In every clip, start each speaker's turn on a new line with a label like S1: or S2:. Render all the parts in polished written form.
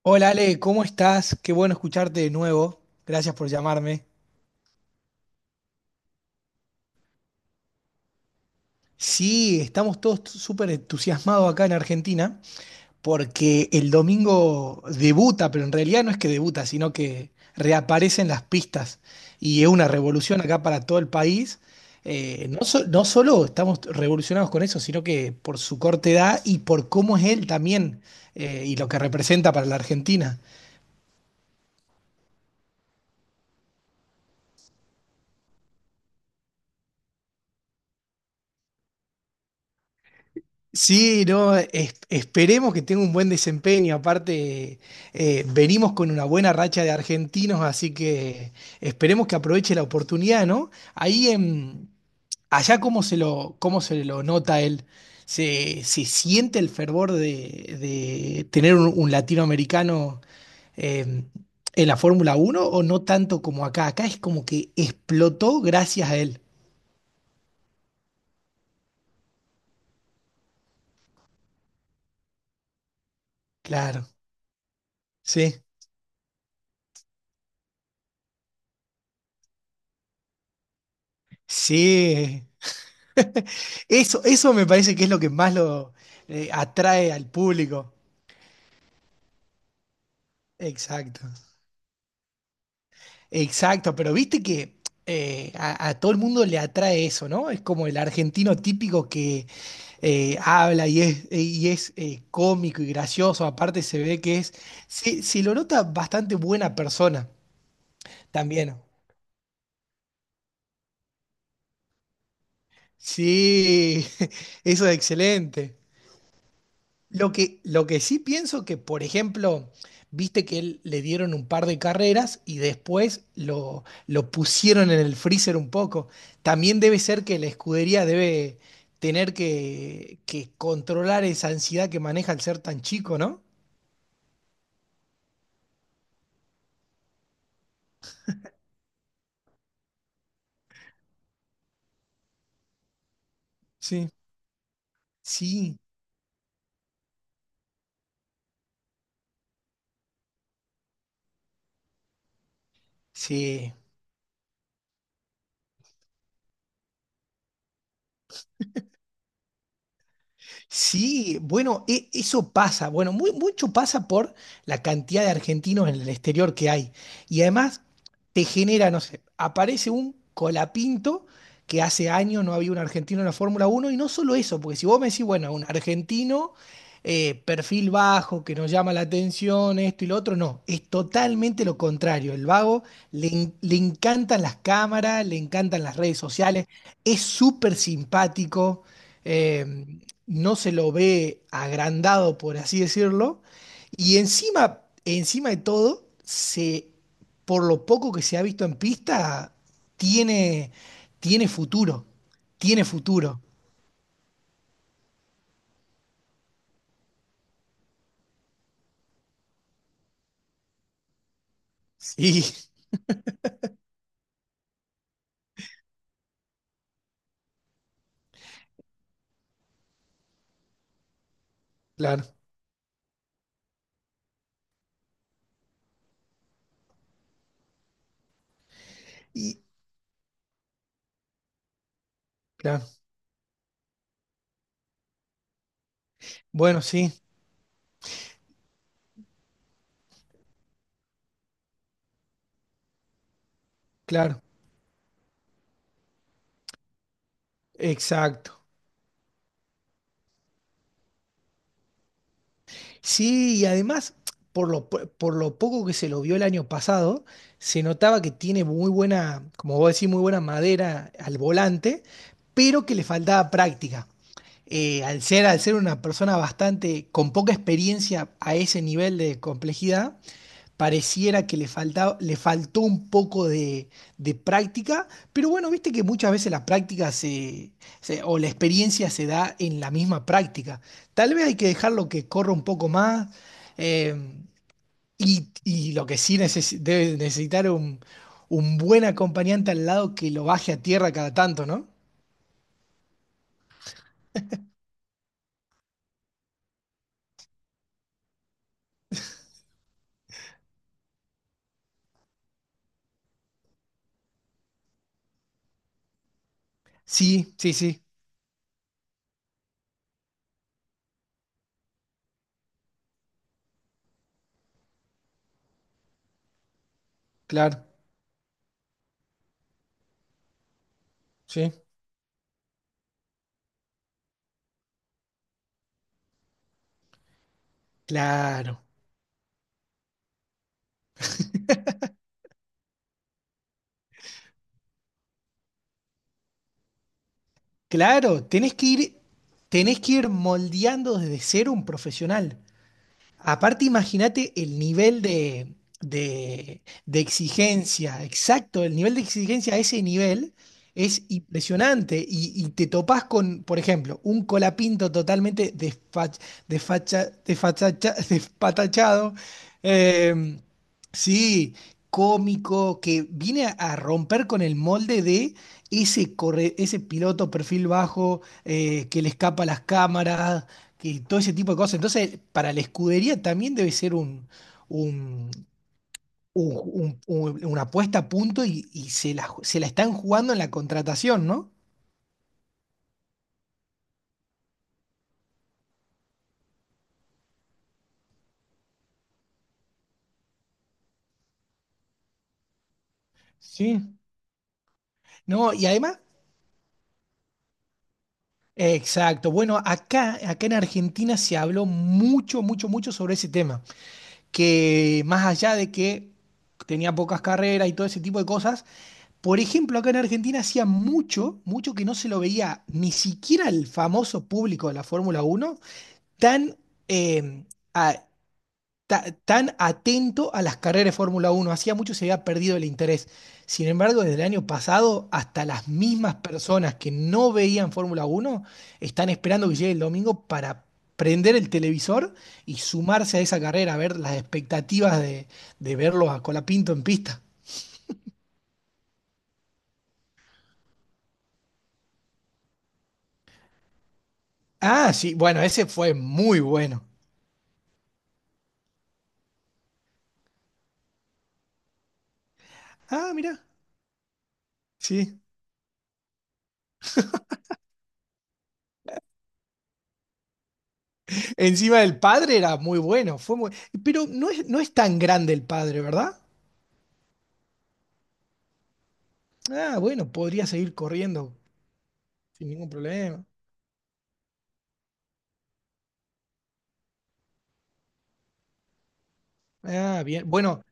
S1: Hola Ale, ¿cómo estás? Qué bueno escucharte de nuevo. Gracias por llamarme. Sí, estamos todos súper entusiasmados acá en Argentina porque el domingo debuta, pero en realidad no es que debuta, sino que reaparecen las pistas y es una revolución acá para todo el país. No, no solo estamos revolucionados con eso, sino que por su corta edad y por cómo es él también y lo que representa para la Argentina. Sí, no, esperemos que tenga un buen desempeño. Aparte, venimos con una buena racha de argentinos, así que esperemos que aproveche la oportunidad, ¿no? Ahí en, allá cómo se lo nota él. ¿Se, se siente el fervor de tener un latinoamericano eh, en la Fórmula Uno o no tanto como acá? Acá es como que explotó gracias a él. Claro, sí. Sí. Eso me parece que es lo que más lo atrae al público. Exacto. Exacto, pero viste que a todo el mundo le atrae eso, ¿no? Es como el argentino típico que habla y es cómico y gracioso, aparte se ve que es, se lo nota bastante buena persona también. Sí, eso es excelente. Lo que sí pienso que, por ejemplo, viste que él, le dieron un par de carreras y después lo pusieron en el freezer un poco. También debe ser que la escudería debe tener que controlar esa ansiedad que maneja al ser tan chico, ¿no? Sí. Sí, sí. Sí, bueno, eso pasa. Bueno, mucho pasa por la cantidad de argentinos en el exterior que hay. Y además te genera, no sé, aparece un Colapinto que hace años no había un argentino en la Fórmula Uno y no solo eso, porque si vos me decís, bueno, un argentino, perfil bajo, que nos llama la atención, esto y lo otro, no, es totalmente lo contrario. El vago le, le encantan las cámaras, le encantan las redes sociales, es súper simpático, no se lo ve agrandado, por así decirlo, y encima, encima de todo, se, por lo poco que se ha visto en pista, tiene, tiene futuro, tiene futuro. Sí, claro, y, claro. Bueno, sí, claro, exacto. Sí, y además, por lo, por lo poco que se lo vio el año pasado, se notaba que tiene muy buena, como vos decís, muy buena madera al volante, pero que le faltaba práctica. Al ser, al ser una persona bastante con poca experiencia a ese nivel de complejidad, pareciera que le falta, le faltó un poco de práctica, pero bueno, viste que muchas veces la práctica se, o la experiencia se da en la misma práctica. Tal vez hay que dejarlo que corra un poco más, eh, y lo que sí debe necesitar un buen acompañante al lado que lo baje a tierra cada tanto, ¿no? Sí, sí, sí, claro, sí, claro, claro, tenés que ir moldeando desde cero un profesional. Aparte, imagínate el nivel de exigencia, exacto, el nivel de exigencia a ese nivel es impresionante y te topás con, por ejemplo, un colapinto totalmente despatachado, eh, sí, cómico, que viene a romper con el molde de ese, ese piloto perfil bajo, que le escapa a las cámaras, que todo ese tipo de cosas. Entonces, para la escudería también debe ser un- una apuesta a punto y se la, se la están jugando en la contratación, ¿no? Sí. No, y además, exacto. Bueno, acá, acá en Argentina se habló mucho, mucho, mucho sobre ese tema. Que más allá de que tenía pocas carreras y todo ese tipo de cosas, por ejemplo, acá en Argentina hacía mucho, mucho que no se lo veía ni siquiera el famoso público de la Fórmula Uno tan, eh, a- tan atento a las carreras de Fórmula Uno. Hacía mucho se había perdido el interés. Sin embargo, desde el año pasado, hasta las mismas personas que no veían Fórmula Uno están esperando que llegue el domingo para prender el televisor y sumarse a esa carrera, a ver las expectativas de verlo a Colapinto en pista. Ah, sí, bueno, ese fue muy bueno. Ah, mira, sí. Encima el padre era muy bueno, fue muy... Pero no es, no es tan grande el padre, ¿verdad? Ah, bueno, podría seguir corriendo sin ningún problema. Ah, bien. Bueno,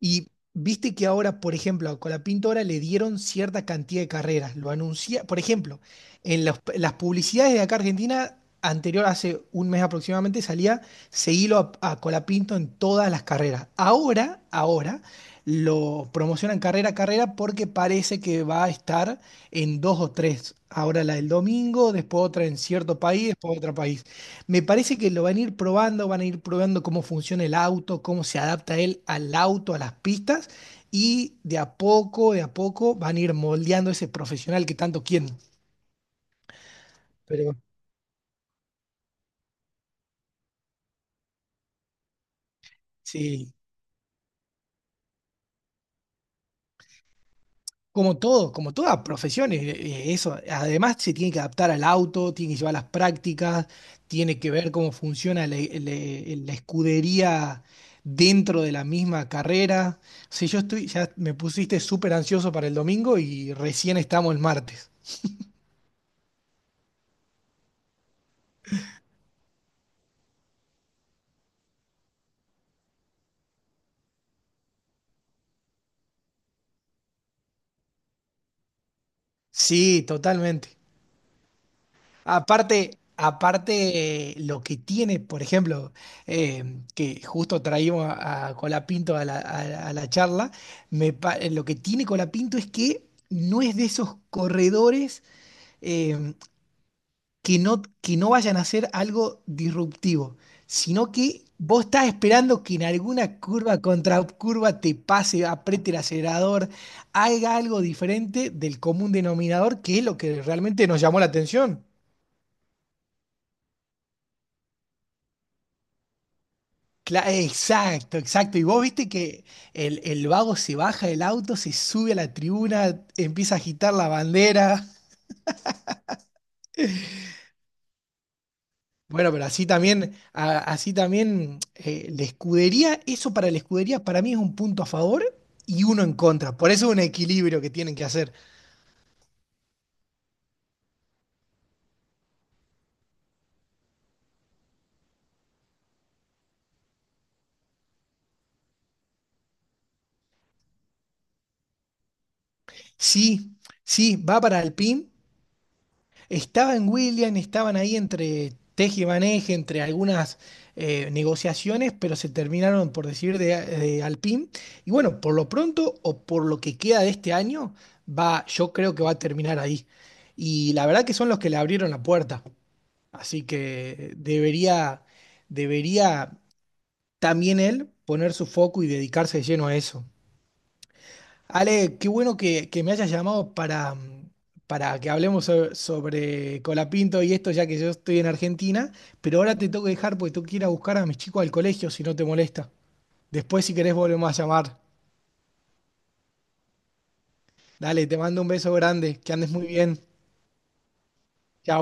S1: y viste que ahora, por ejemplo, con la pintora le dieron cierta cantidad de carreras. Lo anuncia, por ejemplo, en las publicidades de acá Argentina, anterior, hace un mes aproximadamente, salía seguilo a Colapinto en todas las carreras. Ahora, ahora, lo promocionan carrera a carrera porque parece que va a estar en dos o tres. Ahora la del domingo, después otra en cierto país, después otra país. Me parece que lo van a ir probando, van a ir probando cómo funciona el auto, cómo se adapta él al auto, a las pistas, y de a poco van a ir moldeando ese profesional que tanto quieren. Pero sí, como todo, como todas profesiones, eso. Además, se tiene que adaptar al auto, tiene que llevar las prácticas, tiene que ver cómo funciona la, la escudería dentro de la misma carrera. O sea, yo estoy, ya me pusiste súper ansioso para el domingo y recién estamos el martes. Sí, totalmente. Aparte, aparte, lo que tiene, por ejemplo, que justo traímos a Colapinto a la, a la charla, lo que tiene Colapinto es que no es de esos corredores, eh, que no vayan a hacer algo disruptivo, sino que vos estás esperando que en alguna curva contra curva te pase, apriete el acelerador, haga algo diferente del común denominador, que es lo que realmente nos llamó la atención. Exacto, exacto. Y vos viste que el vago se baja del auto, se sube a la tribuna, empieza a agitar la bandera. Bueno, pero así también, así también, la escudería, eso para la escudería para mí es un punto a favor y uno en contra. Por eso es un equilibrio que tienen que hacer. Sí, sí, va para Alpine. Estaba en Williams, estaban ahí entre teje y maneje, entre algunas negociaciones, pero se terminaron por decir de Alpine. Y bueno, por lo pronto o por lo que queda de este año, va, yo creo que va a terminar ahí. Y la verdad que son los que le abrieron la puerta. Así que debería, debería también él poner su foco y dedicarse de lleno a eso. Ale, qué bueno que me hayas llamado para, para que hablemos sobre Colapinto y esto, ya que yo estoy en Argentina, pero ahora te tengo que dejar porque tengo que ir a buscar a mis chicos al colegio, si no te molesta. Después, si querés, volvemos a llamar. Dale, te mando un beso grande, que andes muy bien. Chao.